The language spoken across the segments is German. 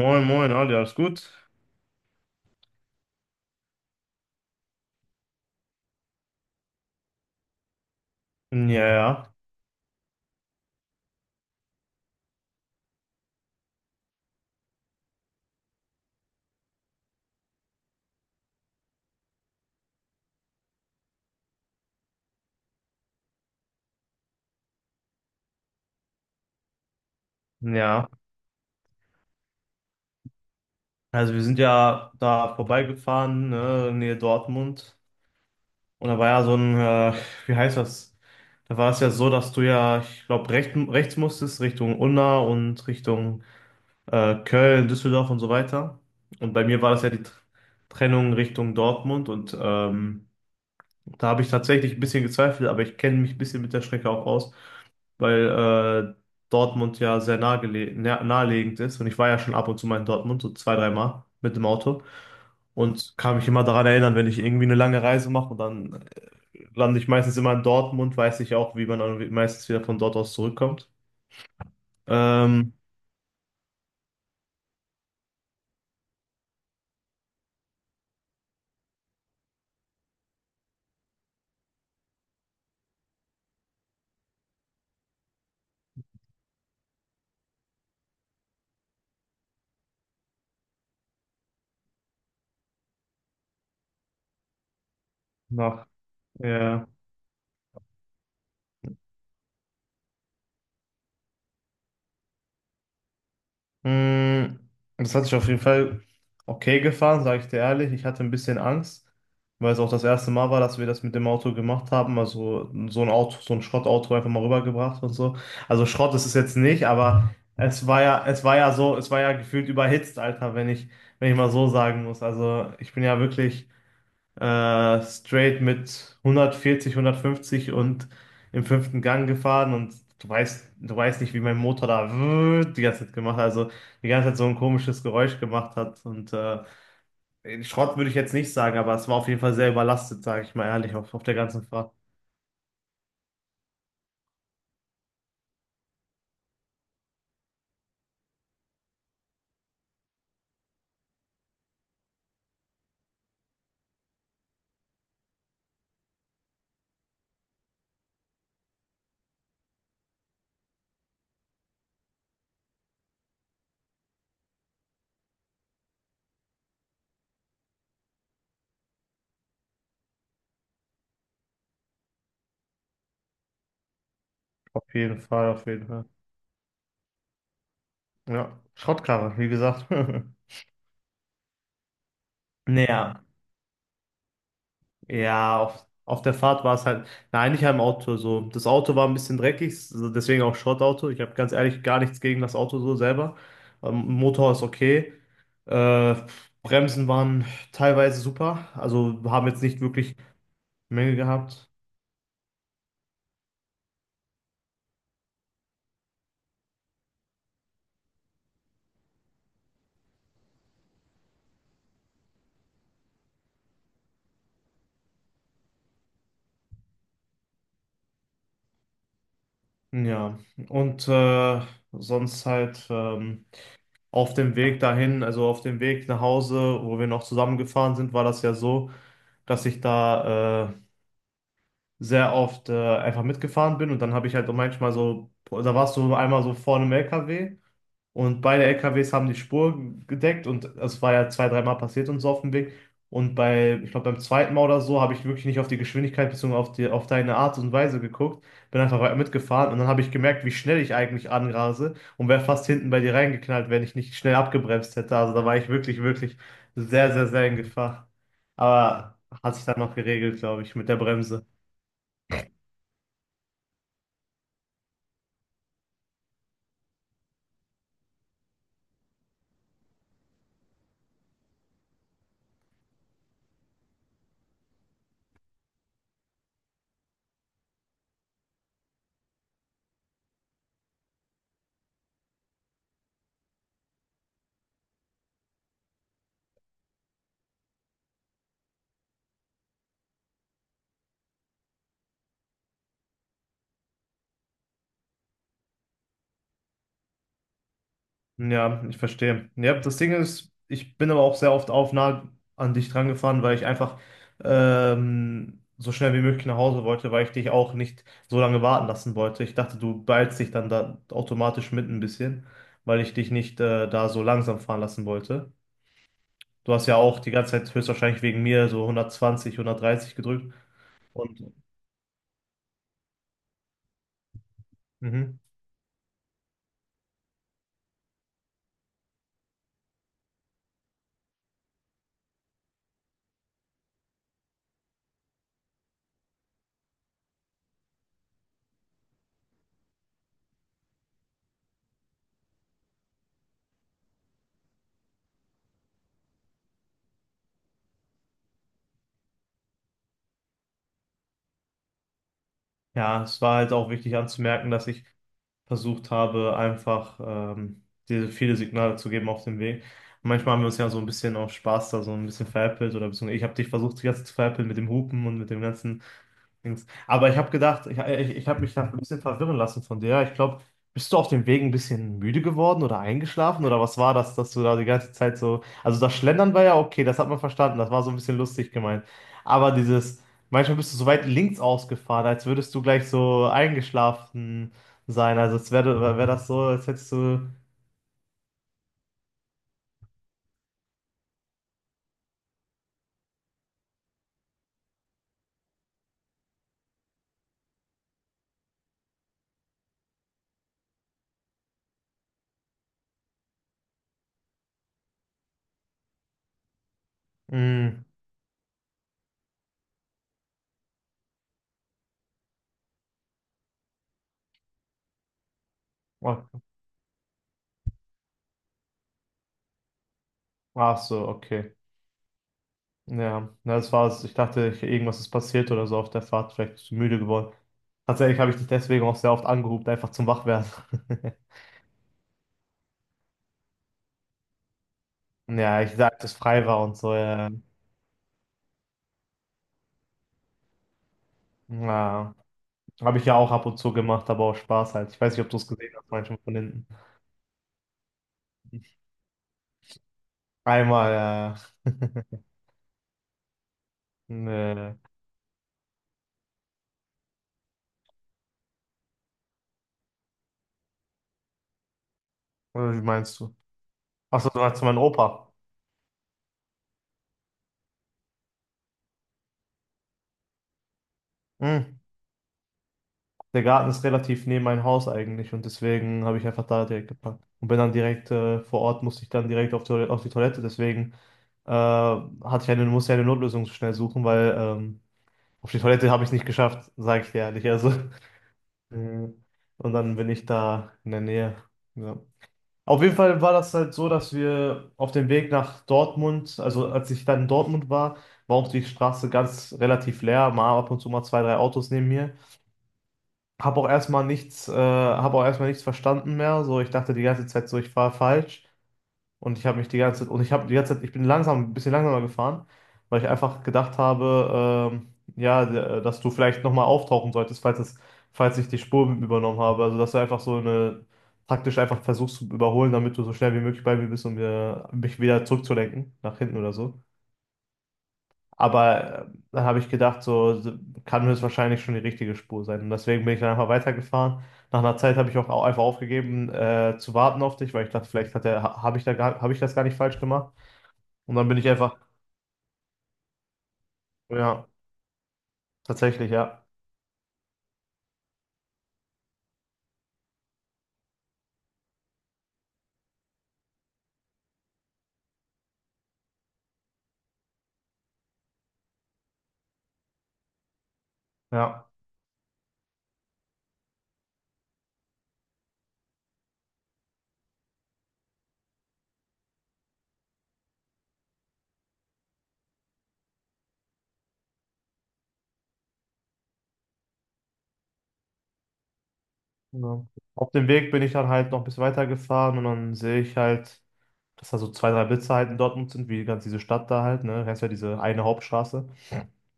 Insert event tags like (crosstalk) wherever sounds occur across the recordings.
Moin, moin, Ali, alles gut? Ja, ja, ja. Also wir sind ja da vorbeigefahren, ne, in Nähe Dortmund. Und da war ja so ein, wie heißt das? Da war es ja so, dass du ja, ich glaube, rechts musstest, Richtung Unna und Richtung Köln, Düsseldorf und so weiter. Und bei mir war das ja die Trennung Richtung Dortmund. Da habe ich tatsächlich ein bisschen gezweifelt, aber ich kenne mich ein bisschen mit der Strecke auch aus, weil äh, Dortmund ja sehr naheliegend ist. Und ich war ja schon ab und zu mal in Dortmund, so zwei, dreimal mit dem Auto. Und kann mich immer daran erinnern, wenn ich irgendwie eine lange Reise mache und dann lande ich meistens immer in Dortmund, weiß ich auch, wie man dann meistens wieder von dort aus zurückkommt. Ähm, nach, ja. Mm, Das hat sich auf jeden Fall okay gefahren, sage ich dir ehrlich. Ich hatte ein bisschen Angst, weil es auch das erste Mal war, dass wir das mit dem Auto gemacht haben. Also so ein Auto, so ein Schrottauto einfach mal rübergebracht und so. Also Schrott ist es jetzt nicht, aber es war ja gefühlt überhitzt, Alter, wenn ich mal so sagen muss. Also ich bin ja wirklich straight mit 140, 150 und im fünften Gang gefahren, und du weißt nicht, wie mein Motor da die ganze Zeit gemacht hat, also die ganze Zeit so ein komisches Geräusch gemacht hat. Und Schrott würde ich jetzt nicht sagen, aber es war auf jeden Fall sehr überlastet, sage ich mal ehrlich, auf der ganzen Fahrt. Auf jeden Fall, auf jeden Fall. Ja, Schrottkarre, wie gesagt. (laughs) Naja. Ja, auf der Fahrt war es halt, nein, nicht halt im Auto so. Das Auto war ein bisschen dreckig, so deswegen auch Schrottauto. Ich habe ganz ehrlich gar nichts gegen das Auto so selber. Motor ist okay. Äh, Bremsen waren teilweise super, also haben jetzt nicht wirklich Mängel gehabt. Ja, und sonst halt, auf dem Weg dahin, also auf dem Weg nach Hause, wo wir noch zusammengefahren sind, war das ja so, dass ich da sehr oft einfach mitgefahren bin, und dann habe ich halt auch manchmal so, da warst du einmal so vor einem LKW, und beide LKWs haben die Spur gedeckt, und es war ja zwei, dreimal passiert und so auf dem Weg. Und bei, ich glaube, beim zweiten Mal oder so, habe ich wirklich nicht auf die Geschwindigkeit bezogen, auf deine Art und Weise geguckt, bin einfach weiter mitgefahren, und dann habe ich gemerkt, wie schnell ich eigentlich anrase, und wäre fast hinten bei dir reingeknallt, wenn ich nicht schnell abgebremst hätte. Also da war ich wirklich, wirklich sehr, sehr, sehr in Gefahr. Aber hat sich dann noch geregelt, glaube ich, mit der Bremse. Ja, ich verstehe. Ja, das Ding ist, ich bin aber auch sehr oft auf nah an dich dran gefahren, weil ich einfach, so schnell wie möglich nach Hause wollte, weil ich dich auch nicht so lange warten lassen wollte. Ich dachte, du beeilst dich dann da automatisch mit ein bisschen, weil ich dich nicht da so langsam fahren lassen wollte. Du hast ja auch die ganze Zeit höchstwahrscheinlich wegen mir so 120, 130 gedrückt. Und mhm. Ja, es war halt auch wichtig anzumerken, dass ich versucht habe, einfach, diese viele Signale zu geben auf dem Weg. Manchmal haben wir uns ja so ein bisschen auf Spaß da so ein bisschen veräppelt, oder beziehungsweise ich habe dich versucht, die ganze Zeit zu veräppeln, mit dem Hupen und mit dem ganzen Dings. Aber ich habe gedacht, ich habe mich da ein bisschen verwirren lassen von dir. Ich glaube, bist du auf dem Weg ein bisschen müde geworden oder eingeschlafen, oder was war das, dass du da die ganze Zeit so. Also das Schlendern war ja okay, das hat man verstanden, das war so ein bisschen lustig gemeint. Aber dieses, manchmal bist du so weit links ausgefahren, als würdest du gleich so eingeschlafen sein. Also es wäre wär wär das so, als hättest du. Mh. Ach ach so, okay. Ja, na, das war's. Ich dachte, irgendwas ist passiert oder so auf der Fahrt. Vielleicht bist du müde geworden. Tatsächlich habe ich dich deswegen auch sehr oft angerufen, einfach zum Wachwerden. (laughs) Ja, ich sagte, dass frei war und so. Ja. Ja, habe ich ja auch ab und zu gemacht, aber auch Spaß halt. Ich weiß nicht, ob du es gesehen hast, manchmal von hinten. Einmal, ja. (laughs) Nee. Oder wie (laughs) meinst du? Achso, du meinst meinen Opa. Hm. Der Garten ist relativ neben mein Haus eigentlich, und deswegen habe ich einfach da direkt gepackt. Und bin dann direkt vor Ort, musste ich dann direkt auf die Toilette. Deswegen musste ich eine Notlösung schnell suchen, weil auf die Toilette habe ich es nicht geschafft, sage ich dir ehrlich. Also, (laughs) Mhm. Und dann bin ich da in der Nähe. Ja. Auf jeden Fall war das halt so, dass wir auf dem Weg nach Dortmund, also als ich dann in Dortmund war, war auch die Straße ganz relativ leer, mal ab und zu mal zwei, drei Autos neben mir. Hab auch erstmal nichts verstanden mehr. So, ich dachte die ganze Zeit so, ich fahre falsch. Und ich habe mich die ganze Zeit, und ich habe die ganze Zeit, ich bin langsam, ein bisschen langsamer gefahren, weil ich einfach gedacht habe, ja, dass du vielleicht nochmal auftauchen solltest, falls ich die Spur übernommen habe. Also, dass du einfach, taktisch einfach versuchst zu überholen, damit du so schnell wie möglich bei mir bist, um mich wieder zurückzulenken, nach hinten oder so. Aber dann habe ich gedacht, so kann das wahrscheinlich schon die richtige Spur sein. Und deswegen bin ich dann einfach weitergefahren. Nach einer Zeit habe ich auch einfach aufgegeben, zu warten auf dich, weil ich dachte, vielleicht hat der, ha- habe ich da gar, habe ich das gar nicht falsch gemacht. Und dann bin ich einfach, ja, tatsächlich, ja, ja. Ja. Auf dem Weg bin ich dann halt noch ein bisschen weitergefahren, und dann sehe ich halt, dass da so zwei, drei Blitze halt in Dortmund sind, wie ganz diese Stadt da halt, ne? Heißt ja diese eine Hauptstraße.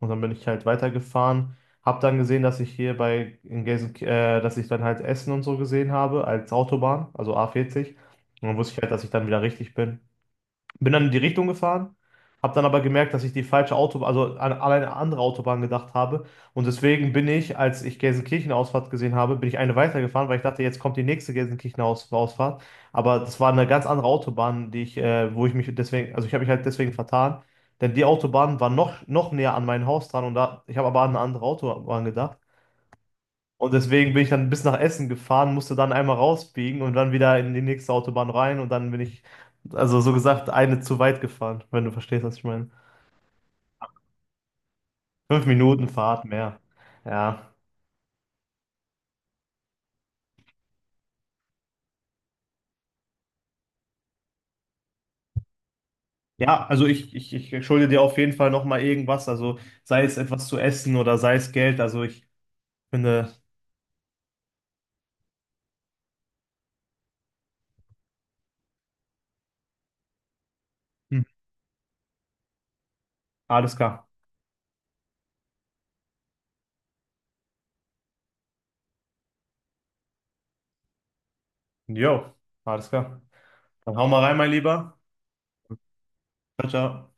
Und dann bin ich halt weitergefahren, hab dann gesehen, dass ich hier bei in Gelsen, dass ich dann halt Essen und so gesehen habe als Autobahn, also A40. Und dann wusste ich halt, dass ich dann wieder richtig bin. Bin dann in die Richtung gefahren, habe dann aber gemerkt, dass ich die falsche Autobahn, also an eine andere Autobahn gedacht habe. Und deswegen bin ich, als ich Gelsenkirchen-Ausfahrt gesehen habe, bin ich eine weitergefahren, weil ich dachte, jetzt kommt die nächste Gelsenkirchen-Ausfahrt. Aber das war eine ganz andere Autobahn, wo ich mich deswegen, also ich habe mich halt deswegen vertan. Denn die Autobahn war noch näher an mein Haus dran, und da, ich habe aber an eine andere Autobahn gedacht. Und deswegen bin ich dann bis nach Essen gefahren, musste dann einmal rausbiegen und dann wieder in die nächste Autobahn rein, und dann bin ich, also so gesagt, eine zu weit gefahren, wenn du verstehst, was ich meine. 5 Minuten Fahrt mehr. Ja. Ja, also ich schulde dir auf jeden Fall nochmal irgendwas, also sei es etwas zu essen oder sei es Geld, also ich finde, hm, alles klar. Jo, alles klar. Dann hau mal rein, mein Lieber. Ciao, ciao.